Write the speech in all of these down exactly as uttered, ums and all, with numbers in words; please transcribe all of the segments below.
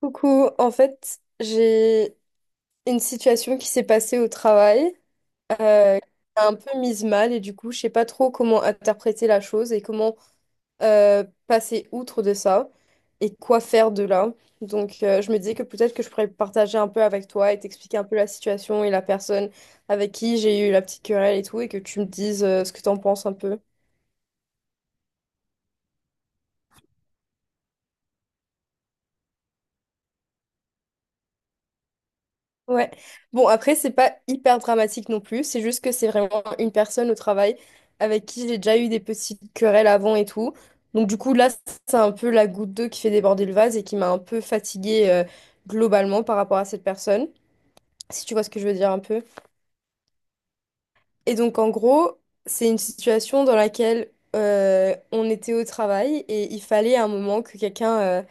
Coucou, en fait, j'ai une situation qui s'est passée au travail, euh, un peu mise mal et du coup, je sais pas trop comment interpréter la chose et comment euh, passer outre de ça et quoi faire de là. Donc, euh, je me disais que peut-être que je pourrais partager un peu avec toi et t'expliquer un peu la situation et la personne avec qui j'ai eu la petite querelle et tout et que tu me dises euh, ce que t'en penses un peu. Ouais. Bon, après, c'est pas hyper dramatique non plus. C'est juste que c'est vraiment une personne au travail avec qui j'ai déjà eu des petites querelles avant et tout. Donc, du coup, là, c'est un peu la goutte d'eau qui fait déborder le vase et qui m'a un peu fatiguée, euh, globalement par rapport à cette personne, si tu vois ce que je veux dire un peu. Et donc, en gros, c'est une situation dans laquelle euh, on était au travail et il fallait à un moment que quelqu'un euh,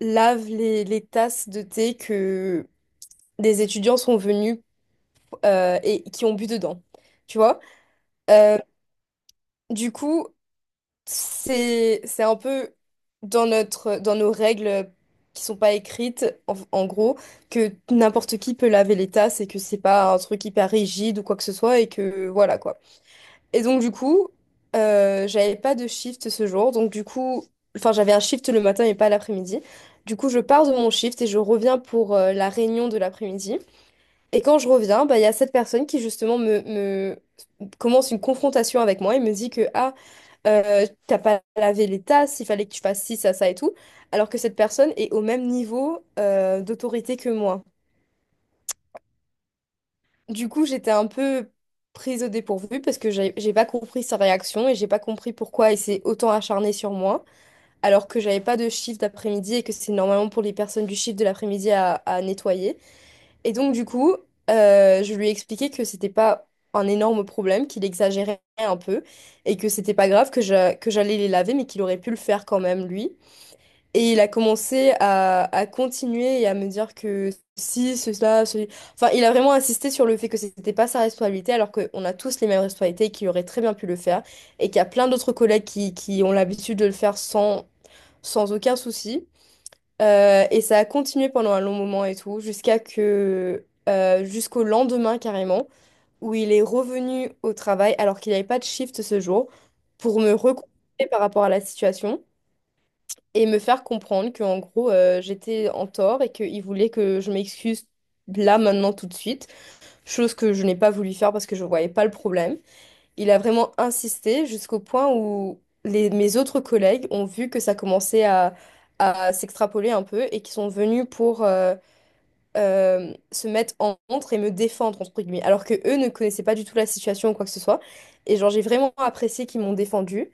lave les, les tasses de thé que des étudiants sont venus euh, et qui ont bu dedans. Tu vois? Euh, du coup, c'est c'est un peu dans notre dans nos règles qui sont pas écrites en, en gros, que n'importe qui peut laver les tasses et que c'est pas un truc hyper rigide ou quoi que ce soit et que voilà quoi. Et donc du coup, euh, j'avais pas de shift ce jour, donc du coup, enfin j'avais un shift le matin et pas l'après-midi. Du coup, je pars de mon shift et je reviens pour euh, la réunion de l'après-midi. Et quand je reviens, bah, il y a cette personne qui justement me, me commence une confrontation avec moi et me dit que ah, euh, t'as pas lavé les tasses, il fallait que tu fasses ci, ça, ça et tout, alors que cette personne est au même niveau euh, d'autorité que moi. Du coup, j'étais un peu prise au dépourvu parce que j'ai j'ai pas compris sa réaction et j'ai pas compris pourquoi il s'est autant acharné sur moi, alors que j'avais pas de shift d'après-midi et que c'est normalement pour les personnes du shift de l'après-midi à à nettoyer. Et donc, du coup, euh, je lui ai expliqué que c'était pas un énorme problème, qu'il exagérait un peu et que c'était pas grave, que j'a- que j'allais les laver, mais qu'il aurait pu le faire quand même, lui. Et il a commencé à, à continuer et à me dire que si, cela, ceci. Enfin, il a vraiment insisté sur le fait que c'était pas sa responsabilité, alors qu'on a tous les mêmes responsabilités et qu'il aurait très bien pu le faire. Et qu'il y a plein d'autres collègues qui, qui ont l'habitude de le faire sans, sans aucun souci. Euh, et ça a continué pendant un long moment et tout, jusqu'à que euh, jusqu'au lendemain carrément, où il est revenu au travail alors qu'il n'avait pas de shift ce jour, pour me reconfronter par rapport à la situation et me faire comprendre que en gros, euh, j'étais en tort et qu'il voulait que je m'excuse là maintenant tout de suite, chose que je n'ai pas voulu faire parce que je ne voyais pas le problème. Il a vraiment insisté jusqu'au point où les, mes autres collègues ont vu que ça commençait à, à s'extrapoler un peu et qui sont venus pour euh, euh, se mettre en contre et me défendre, entre guillemets, alors que eux ne connaissaient pas du tout la situation ou quoi que ce soit. Et genre, j'ai vraiment apprécié qu'ils m'ont défendu.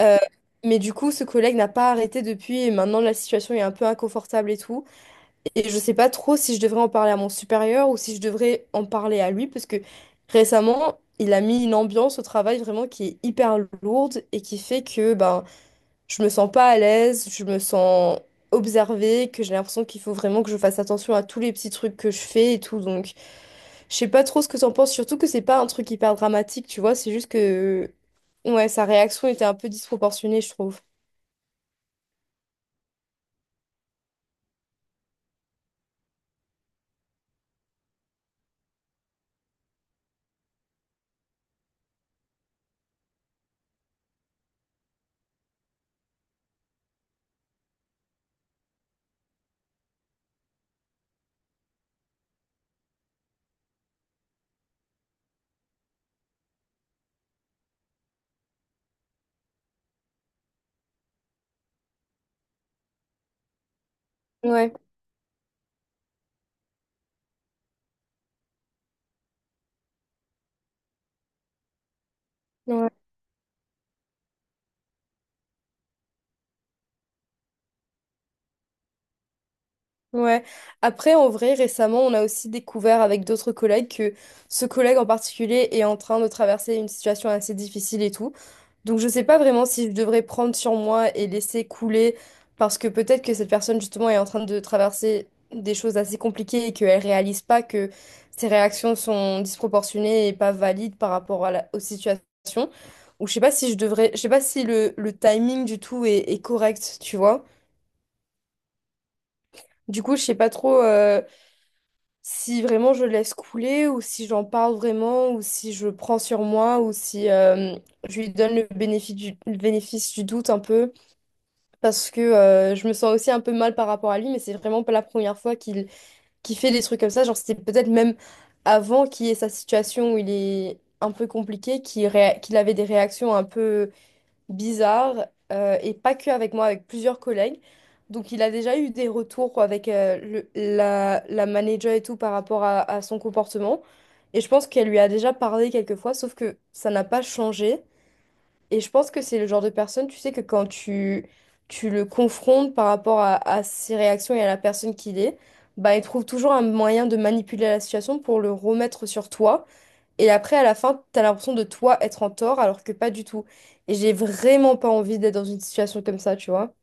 Euh, mais du coup, ce collègue n'a pas arrêté depuis et maintenant la situation est un peu inconfortable et tout. Et je sais pas trop si je devrais en parler à mon supérieur ou si je devrais en parler à lui, parce que récemment, il a mis une ambiance au travail vraiment qui est hyper lourde et qui fait que ben, je me sens pas à l'aise, je me sens observée, que j'ai l'impression qu'il faut vraiment que je fasse attention à tous les petits trucs que je fais et tout. Donc, je sais pas trop ce que t'en penses, surtout que c'est pas un truc hyper dramatique, tu vois, c'est juste que ouais, sa réaction était un peu disproportionnée, je trouve. Ouais, ouais. Ouais. Après, en vrai, récemment, on a aussi découvert avec d'autres collègues que ce collègue en particulier est en train de traverser une situation assez difficile et tout. Donc, je sais pas vraiment si je devrais prendre sur moi et laisser couler parce que peut-être que cette personne, justement, est en train de traverser des choses assez compliquées et qu'elle réalise pas que ses réactions sont disproportionnées et pas valides par rapport à la- aux situations. Ou je sais pas si je devrais, je sais pas si le, le timing du tout est, est correct, tu vois. Du coup, je sais pas trop. Euh, si vraiment je laisse couler ou si j'en parle vraiment ou si je prends sur moi ou si euh, je lui donne le bénéfice du, le bénéfice du doute un peu parce que, euh, je me sens aussi un peu mal par rapport à lui, mais c'est vraiment pas la première fois qu'il qu'il fait des trucs comme ça, genre c'était peut-être même avant qu'il y ait sa situation où il est un peu compliqué, qu'il réa- qu'il avait des réactions un peu bizarre, euh, et pas que avec moi, avec plusieurs collègues. Donc il a déjà eu des retours avec euh, le- la, la manager et tout par rapport à, à son comportement. Et je pense qu'elle lui a déjà parlé quelques fois, sauf que ça n'a pas changé. Et je pense que c'est le genre de personne, tu sais, que quand tu, tu le confrontes par rapport à, à ses réactions et à la personne qu'il est, bah, il trouve toujours un moyen de manipuler la situation pour le remettre sur toi. Et après, à la fin, t'as l'impression de toi être en tort, alors que pas du tout. Et j'ai vraiment pas envie d'être dans une situation comme ça, tu vois.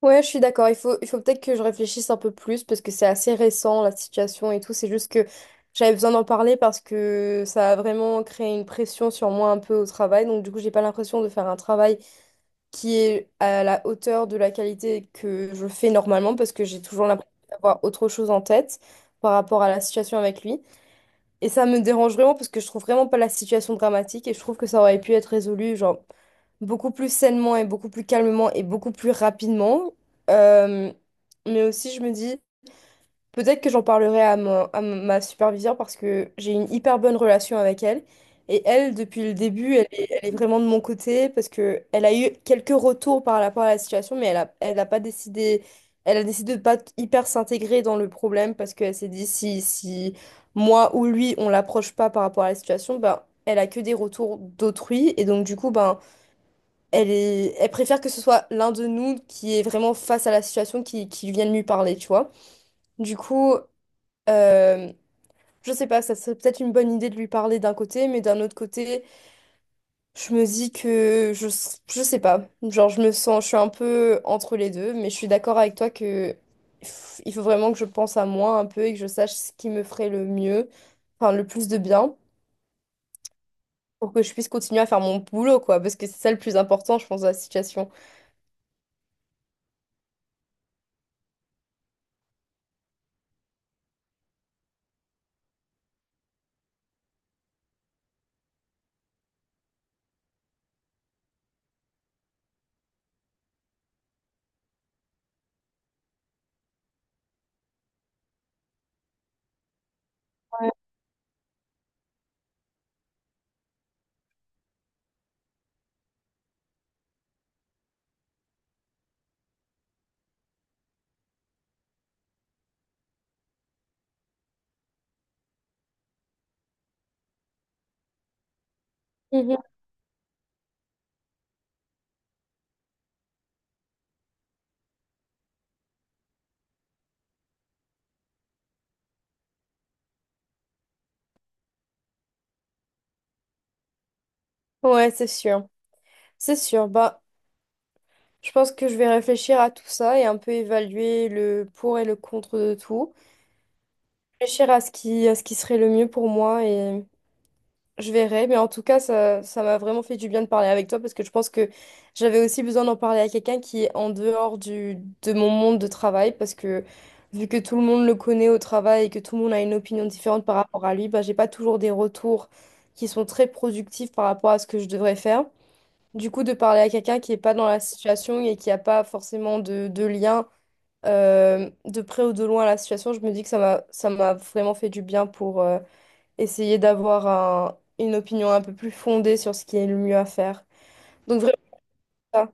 Ouais, je suis d'accord. Il faut, il faut peut-être que je réfléchisse un peu plus parce que c'est assez récent, la situation et tout. C'est juste que j'avais besoin d'en parler parce que ça a vraiment créé une pression sur moi un peu au travail. Donc, du coup, j'ai pas l'impression de faire un travail qui est à la hauteur de la qualité que je fais normalement parce que j'ai toujours l'impression d'avoir autre chose en tête par rapport à la situation avec lui. Et ça me dérange vraiment parce que je trouve vraiment pas la situation dramatique et je trouve que ça aurait pu être résolu, genre, beaucoup plus sainement et beaucoup plus calmement et beaucoup plus rapidement. Euh, mais aussi, je me dis. Peut-être que j'en parlerai à, mon, à m- ma superviseure parce que j'ai une hyper bonne relation avec elle. Et elle, depuis le début, elle est, elle est vraiment de mon côté parce que elle a eu quelques retours par rapport à la situation, mais elle a, elle a pas décidé, elle a décidé de pas t- hyper s'intégrer dans le problème parce qu'elle s'est dit si, si moi ou lui, on l'approche pas par rapport à la situation, ben, elle a que des retours d'autrui. Et donc, du coup, ben, elle est, elle préfère que ce soit l'un de nous qui est vraiment face à la situation qui, qui vienne lui parler, tu vois. Du coup. Euh, je sais pas, ça serait peut-être une bonne idée de lui parler d'un côté, mais d'un autre côté, je me dis que je, s- je sais pas. Genre, je me sens, je suis un peu entre les deux, mais je suis d'accord avec toi que f- il faut vraiment que je pense à moi un peu et que je sache ce qui me ferait le mieux, enfin le plus de bien, pour que je puisse continuer à faire mon boulot, quoi, parce que c'est ça le plus important, je pense, dans la situation. Mhm. Ouais, c'est sûr. C'est sûr. Bah, je pense que je vais réfléchir à tout ça et un peu évaluer le pour et le contre de tout. Réfléchir à ce qui, à ce qui serait le mieux pour moi et je verrai. Mais en tout cas, ça, ça m'a vraiment fait du bien de parler avec toi parce que je pense que j'avais aussi besoin d'en parler à quelqu'un qui est en dehors du, de mon monde de travail parce que vu que tout le monde le connaît au travail et que tout le monde a une opinion différente par rapport à lui, bah, j'ai pas toujours des retours qui sont très productifs par rapport à ce que je devrais faire. Du coup, de parler à quelqu'un qui n'est pas dans la situation et qui n'a pas forcément de, de lien euh, de près ou de loin la situation, je me dis que ça m'a ça m'a vraiment fait du bien pour euh, essayer d'avoir un- une opinion un peu plus fondée sur ce qui est le mieux à faire. Donc vraiment ça.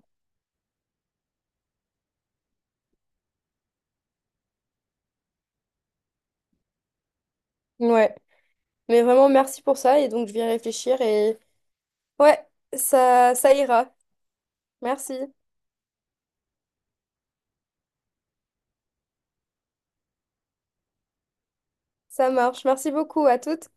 Ouais. Mais vraiment merci pour ça et donc je vais y réfléchir et ouais, ça ça ira. Merci. Ça marche. Merci beaucoup à toutes.